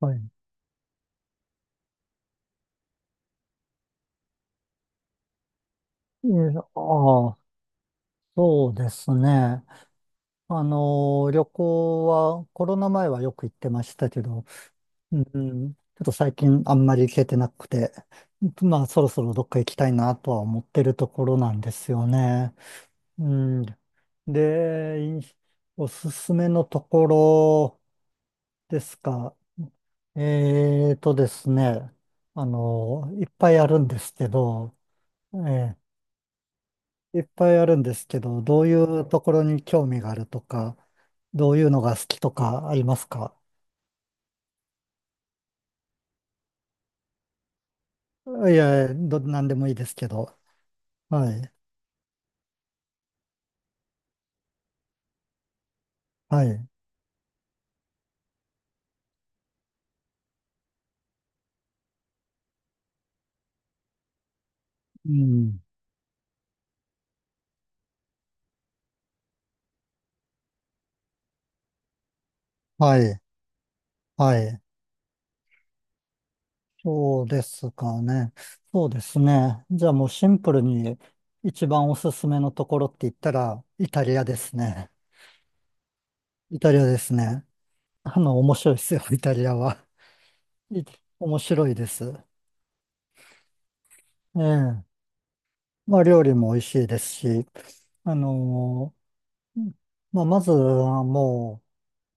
はい。いえ、ああ、そうですね。旅行は、コロナ前はよく行ってましたけど、うん、ちょっと最近あんまり行けてなくて、まあ、そろそろどっか行きたいなとは思ってるところなんですよね。うん、で、おすすめのところですか？えーとですね、いっぱいあるんですけど、ええ、いっぱいあるんですけど、どういうところに興味があるとか、どういうのが好きとかありますか？いや、何でもいいですけど。はい。はい。うん。はい。はい。そうですかね。そうですね。じゃあもうシンプルに一番おすすめのところって言ったら、イタリアですね。イタリアですね。面白いですよ、イタリアは。い面白いです。ええ。まあ、料理も美味しいですし、あのーうん、まあ、まずはも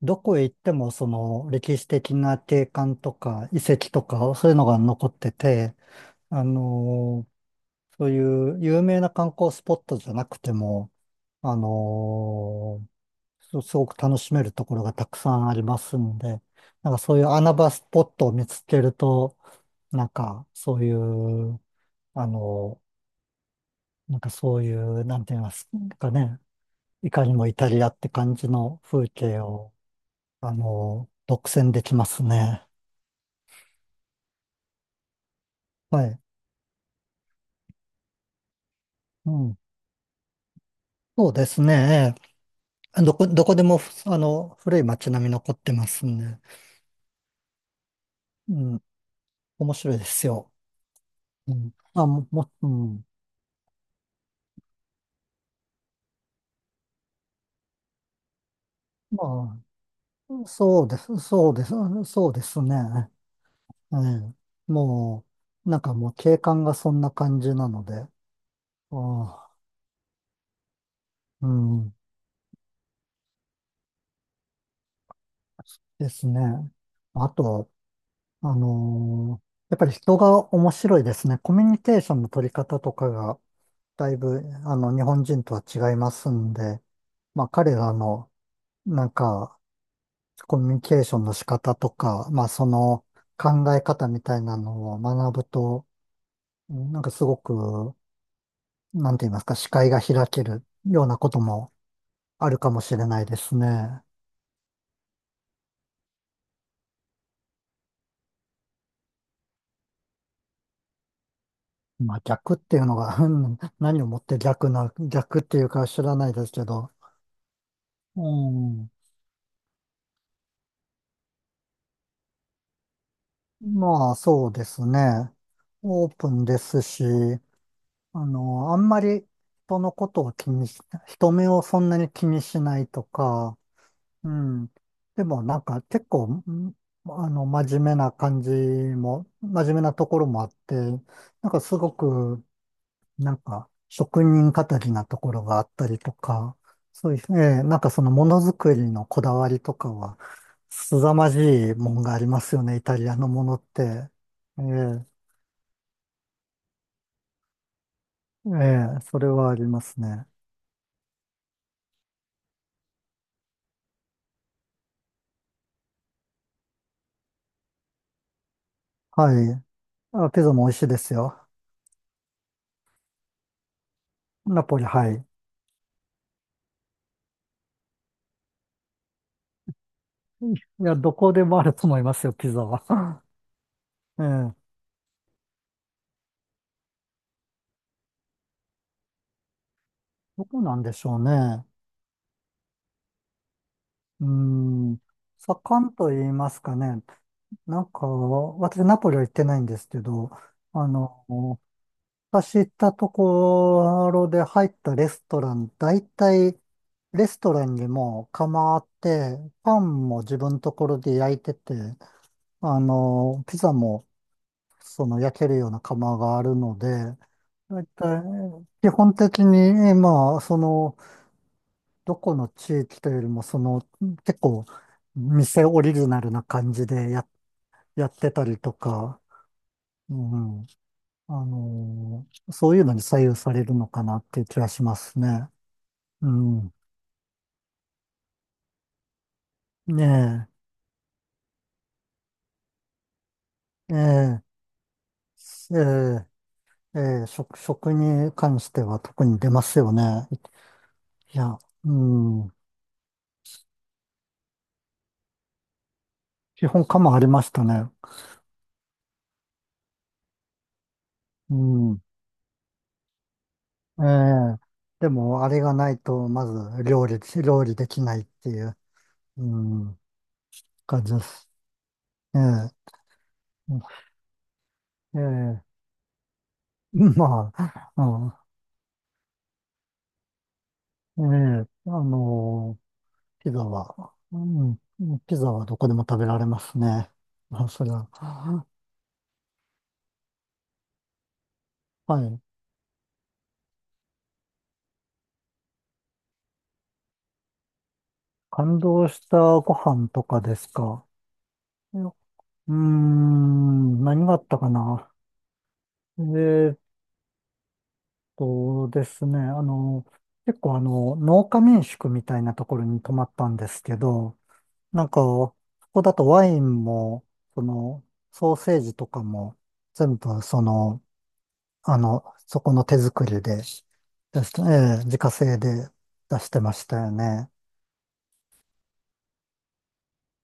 う、どこへ行ってもその歴史的な景観とか遺跡とかそういうのが残ってて、あのーそういう有名な観光スポットじゃなくても、あのすごく楽しめるところがたくさんありますんで、なんかそういう穴場スポットを見つけると、なんかそういう、あのなんて言いますかね、いかにもイタリアって感じの風景を独占できますね。はい。うん。そうですね。どこでも、古い街並み残ってますんで。うん。面白いですよ。うん。あ、うん。まあ、そうです、そうです、そうですね。ええ。もう、なんかもう景観がそんな感じなので。ああ、うん。ですね。あと、やっぱり人が面白いですね。コミュニケーションの取り方とかが、だいぶ、日本人とは違いますんで、まあ、彼らの、なんか、コミュニケーションの仕方とか、まあ、その考え方みたいなのを学ぶと、なんかすごく、なんて言いますか、視界が開けるようなこともあるかもしれないですね。まあ、逆っていうのが、うん、何をもって逆っていうか知らないですけど、うん、まあ、そうですね。オープンですし、あんまり人のことを気にし、人目をそんなに気にしないとか、うん。でもなんか結構、真面目な感じも、真面目なところもあって、なんかすごく、なんか職人語りなところがあったりとか、そういう、ええ、なんかそのものづくりのこだわりとかは、凄まじいもんがありますよね、イタリアのものって。ええ、ええ、それはありますね。はい。あ、ピザも美味しいですよ。ナポリ、はい。いや、どこでもあると思いますよ、ピザは。ええ、どこなんでしょうね。うーん、盛んと言いますかね。なんか、私、ナポリは行ってないんですけど、あの、私行ったところで入ったレストラン、大体、レストランにも構って、パンも自分のところで焼いてて、ピザもその焼けるような窯があるので、だいたい基本的に、まあ、その、どこの地域というよりも、その、結構、店オリジナルな感じでやってたりとか、うん、そういうのに左右されるのかなっていう気がしますね。うん。ねえ、ええ、ええ、ええ、食に関しては特に出ますよね。いや、うん、基本かもありましたね。うん。ええ、でも、あれがないと、まず料理できないっていう、うん、感じです。ええ、ええ、まあ、うん、ええ、ピザは、うん、ピザはどこでも食べられますね。まあ、それは。はい。感動したご飯とかですか？うーん、何があったかな。えそうですね。結構農家民宿みたいなところに泊まったんですけど、なんか、ここだとワインも、その、ソーセージとかも、全部、その、そこの手作りで、出して、ええ、自家製で出してましたよね。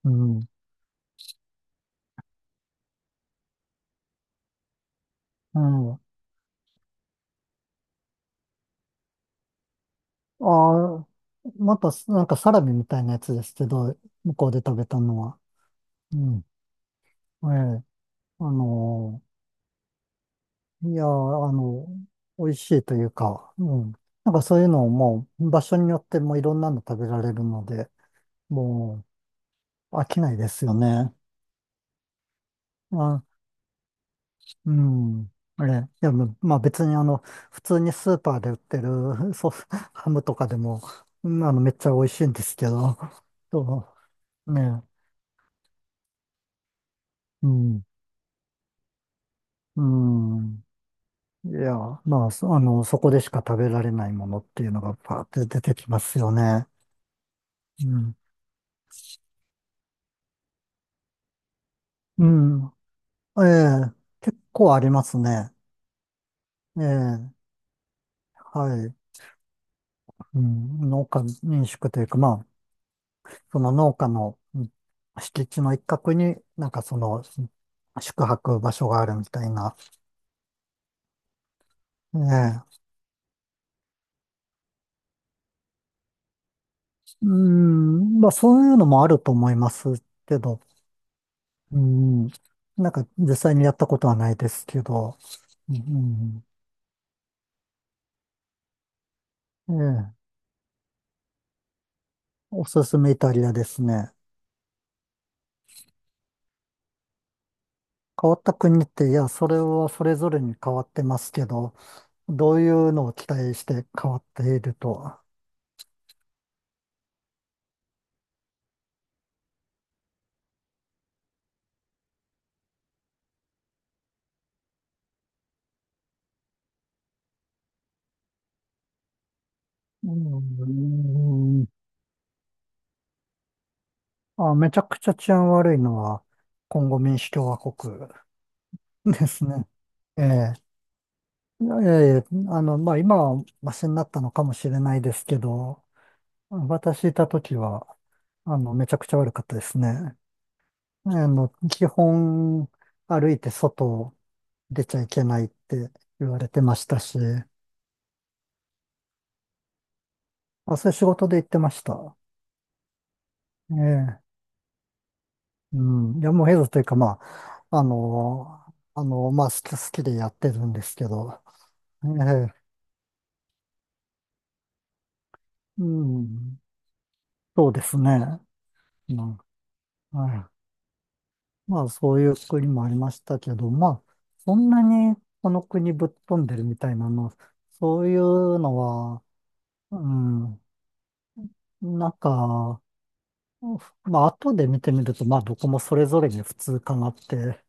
うん。うん。ああ、また、なんかサラミみたいなやつですけど、向こうで食べたのは。うん。ええ、あのーいやー、美味しいというか、うん。なんかそういうのをもう場所によってもいろんなの食べられるので、もう飽きないですよね。あ、うん。あれ、いや、まあ別に普通にスーパーで売ってるソフハムとかでも、うん、めっちゃ美味しいんですけど、そうね、うん、うん。いや、まあ、そあの、そこでしか食べられないものっていうのがパーって出てきますよね。うん。うん。ええ、結構ありますね。ええ、はい。うん、農家民宿というか、まあ、その農家の敷地の一角に、なんかその、宿泊場所があるみたいな。ええ、うん、まあそういうのもあると思いますけど、うん、なんか実際にやったことはないですけど、うん、ええ、おすすめイタリアですね。変わった国って、いや、それはそれぞれに変わってますけど、どういうのを期待して変わっているとは。うーん。あ、めちゃくちゃ治安悪いのは、コンゴ民主共和国ですね。ええ。いや、いや、いや、まあ、今はマシになったのかもしれないですけど、私いた時は、めちゃくちゃ悪かったですね。基本、歩いて外出ちゃいけないって言われてましたし、まあ、そういう仕事で行ってました。ええ。うん、いや、もうヘルスというか、まあ、好きでやってるんですけど、ええ、うん、そうですね。うん、はい、まあ、そういう国もありましたけど、まあ、そんなにこの国ぶっ飛んでるみたいなの、そういうのは、うん、なんか、まあ、後で見てみると、まあ、どこもそれぞれに普通かなって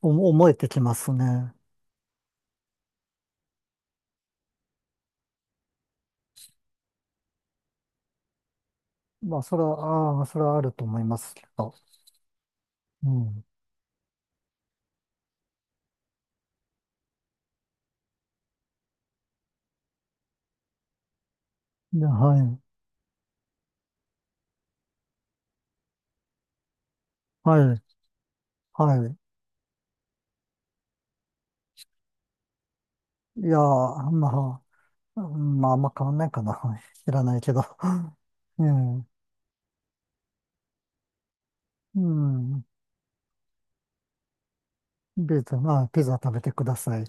思えてきますね。まあ、それは、ああ、それはあると思いますけど。うん、で、はい、はい、はい。いやー、まあ、うん、まあ、あんま変わんないかな。知らないけど。ううん。まあ、ピザ食べてください。